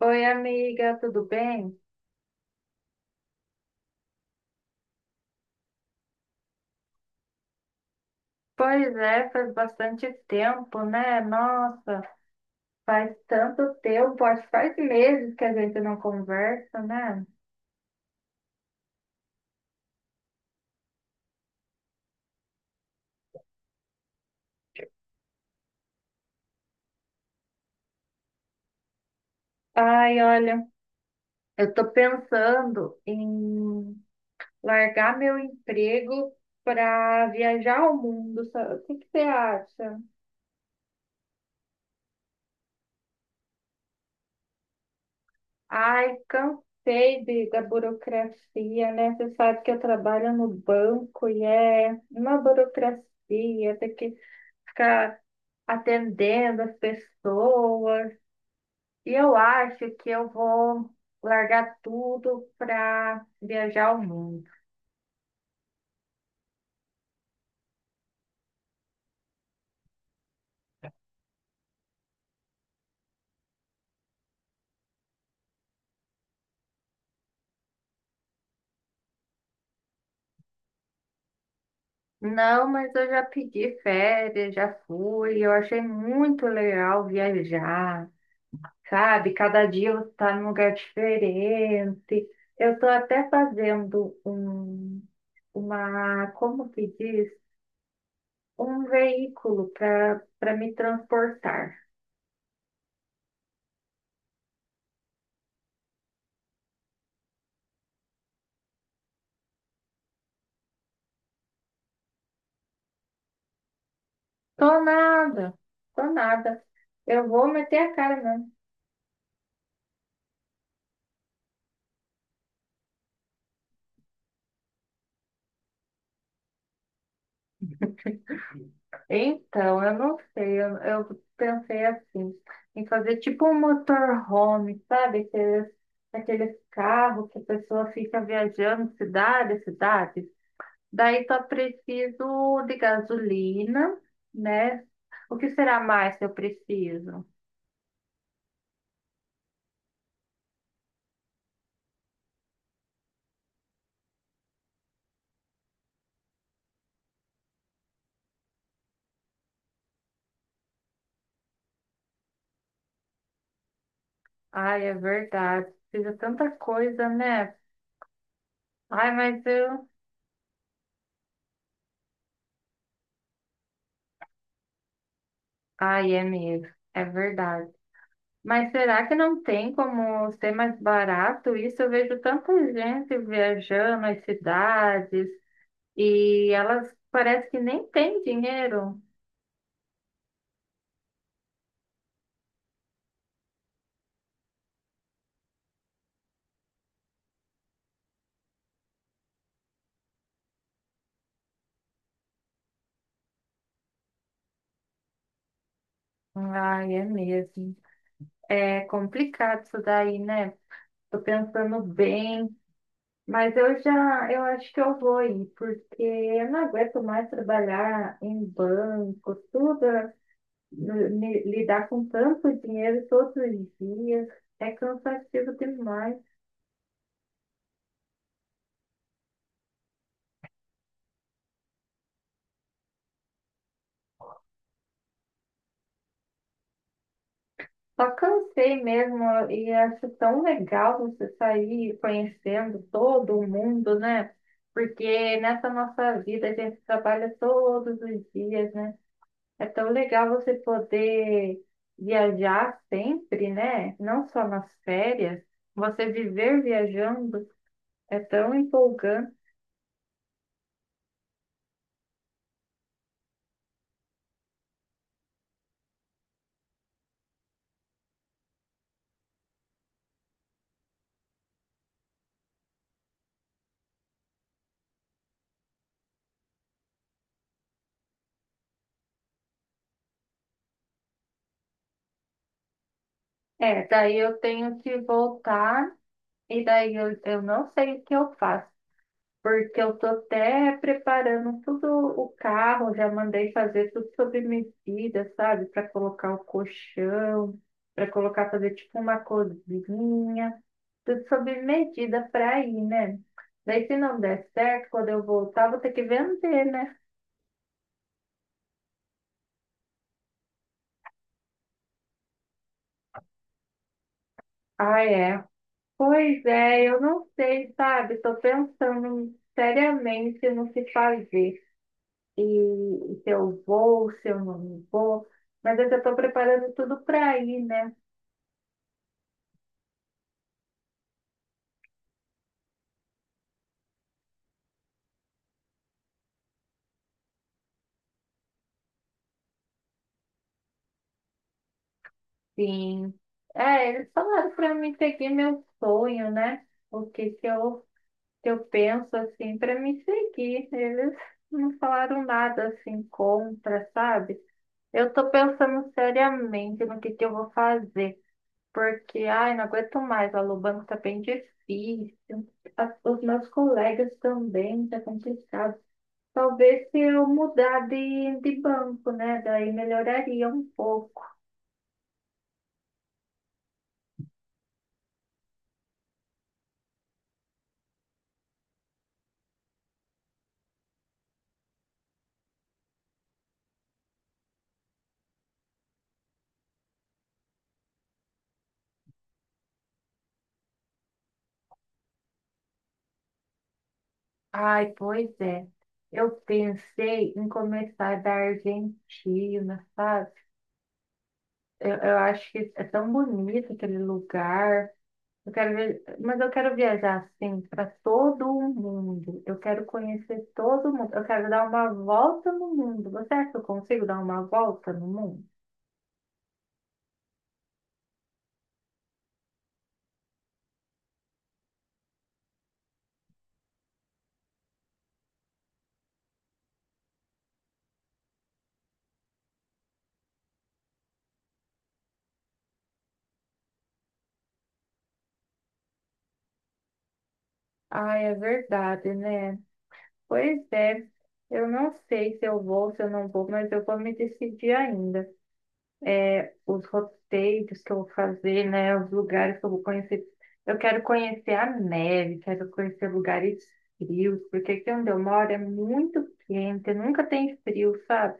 Oi, amiga, tudo bem? Pois é, faz bastante tempo, né? Nossa, faz tanto tempo, acho que faz meses que a gente não conversa, né? Ai, olha, eu tô pensando em largar meu emprego para viajar ao mundo, sabe? O que que você acha? Ai, cansei da burocracia, né? Você sabe que eu trabalho no banco e é uma burocracia, tem que ficar atendendo as pessoas. E eu acho que eu vou largar tudo para viajar o mundo. Não, mas eu já pedi férias, já fui. Eu achei muito legal viajar, sabe? Cada dia você está num lugar diferente. Eu estou até fazendo como que diz? Um veículo para me transportar. Tô nada, tô nada. Eu vou meter a cara mesmo. Então, eu não sei, eu pensei assim, em fazer tipo um motorhome, sabe? Aqueles, aqueles carros que a pessoa fica viajando cidade, a cidade. Daí só preciso de gasolina, né? O que será mais que eu preciso? Ai, é verdade. Precisa tanta coisa, né? Ai, mas eu. Ai, é mesmo. É verdade. Mas será que não tem como ser mais barato isso? Eu vejo tanta gente viajando as cidades e elas parece que nem têm dinheiro. Ai, é mesmo. É complicado isso daí, né? Tô pensando bem, mas eu já, eu acho que eu vou ir, porque eu não aguento mais trabalhar em banco, tudo, lidar com tanto dinheiro todos os dias. É cansativo demais. Só cansei mesmo e acho tão legal você sair conhecendo todo mundo, né? Porque nessa nossa vida a gente trabalha todos os dias, né? É tão legal você poder viajar sempre, né? Não só nas férias, você viver viajando é tão empolgante. É, daí eu tenho que voltar e daí eu não sei o que eu faço. Porque eu tô até preparando tudo o carro, já mandei fazer tudo sobre medida, sabe? Para colocar o colchão, para colocar fazer tipo uma cozinha, tudo sobre medida para ir, né? Daí se não der certo, quando eu voltar, vou ter que vender, né? Ah, é. Pois é, eu não sei, sabe? Tô pensando seriamente no que fazer. E se eu vou, se eu não vou. Mas eu já tô preparando tudo para ir, né? Sim. É, eles falaram para mim seguir meu sonho, né? O que que eu penso, assim, para me seguir. Eles não falaram nada, assim, contra, sabe? Eu tô pensando seriamente no que eu vou fazer. Porque, ai, não aguento mais, a Lubanco tá bem difícil. Os meus colegas também, tá complicado. Talvez se eu mudar de banco, né? Daí melhoraria um pouco. Ai, pois é. Eu pensei em começar da Argentina, sabe? Eu acho que é tão bonito aquele lugar. Eu quero ver, mas eu quero viajar assim para todo o mundo. Eu quero conhecer todo mundo. Eu quero dar uma volta no mundo. Você acha que eu consigo dar uma volta no mundo? Ai, é verdade, né? Pois é. Eu não sei se eu vou, se eu não vou, mas eu vou me decidir ainda. É, os roteiros que eu vou fazer, né? Os lugares que eu vou conhecer. Eu quero conhecer a neve, quero conhecer lugares frios, porque aqui onde eu moro é muito quente, nunca tem frio, sabe?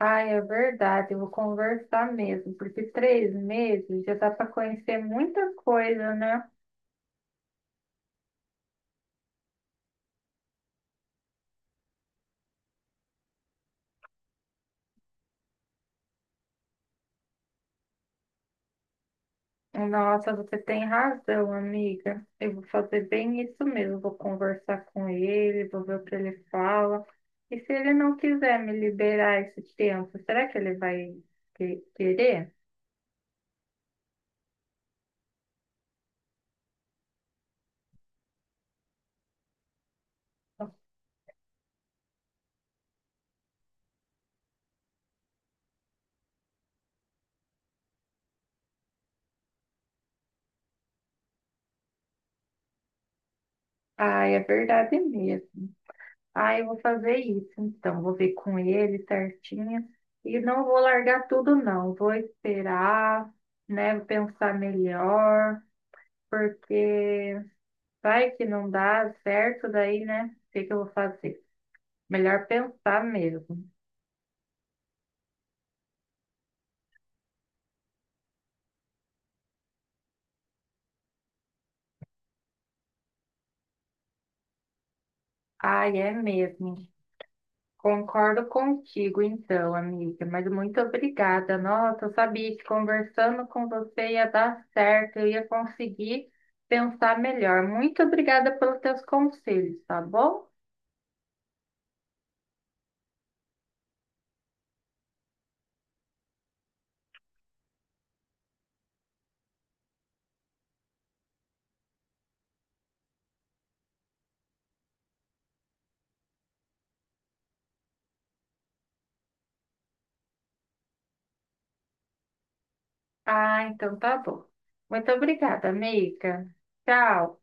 Ah, é verdade, eu vou conversar mesmo, porque 3 meses já dá para conhecer muita coisa, né? Nossa, você tem razão, amiga. Eu vou fazer bem isso mesmo. Vou conversar com ele, vou ver o que ele fala. E se ele não quiser me liberar esse tempo, será que ele vai querer? Ah, é verdade mesmo. Ah, eu vou fazer isso, então. Vou ver com ele certinho. E não vou largar tudo, não. Vou esperar, né? Vou pensar melhor, porque vai que não dá certo daí, né? O que que eu vou fazer? Melhor pensar mesmo. Ai, é mesmo. Concordo contigo, então, amiga, mas muito obrigada. Nossa, eu sabia que conversando com você ia dar certo, eu ia conseguir pensar melhor. Muito obrigada pelos teus conselhos, tá bom? Ah, então tá bom. Muito obrigada, amiga. Tchau.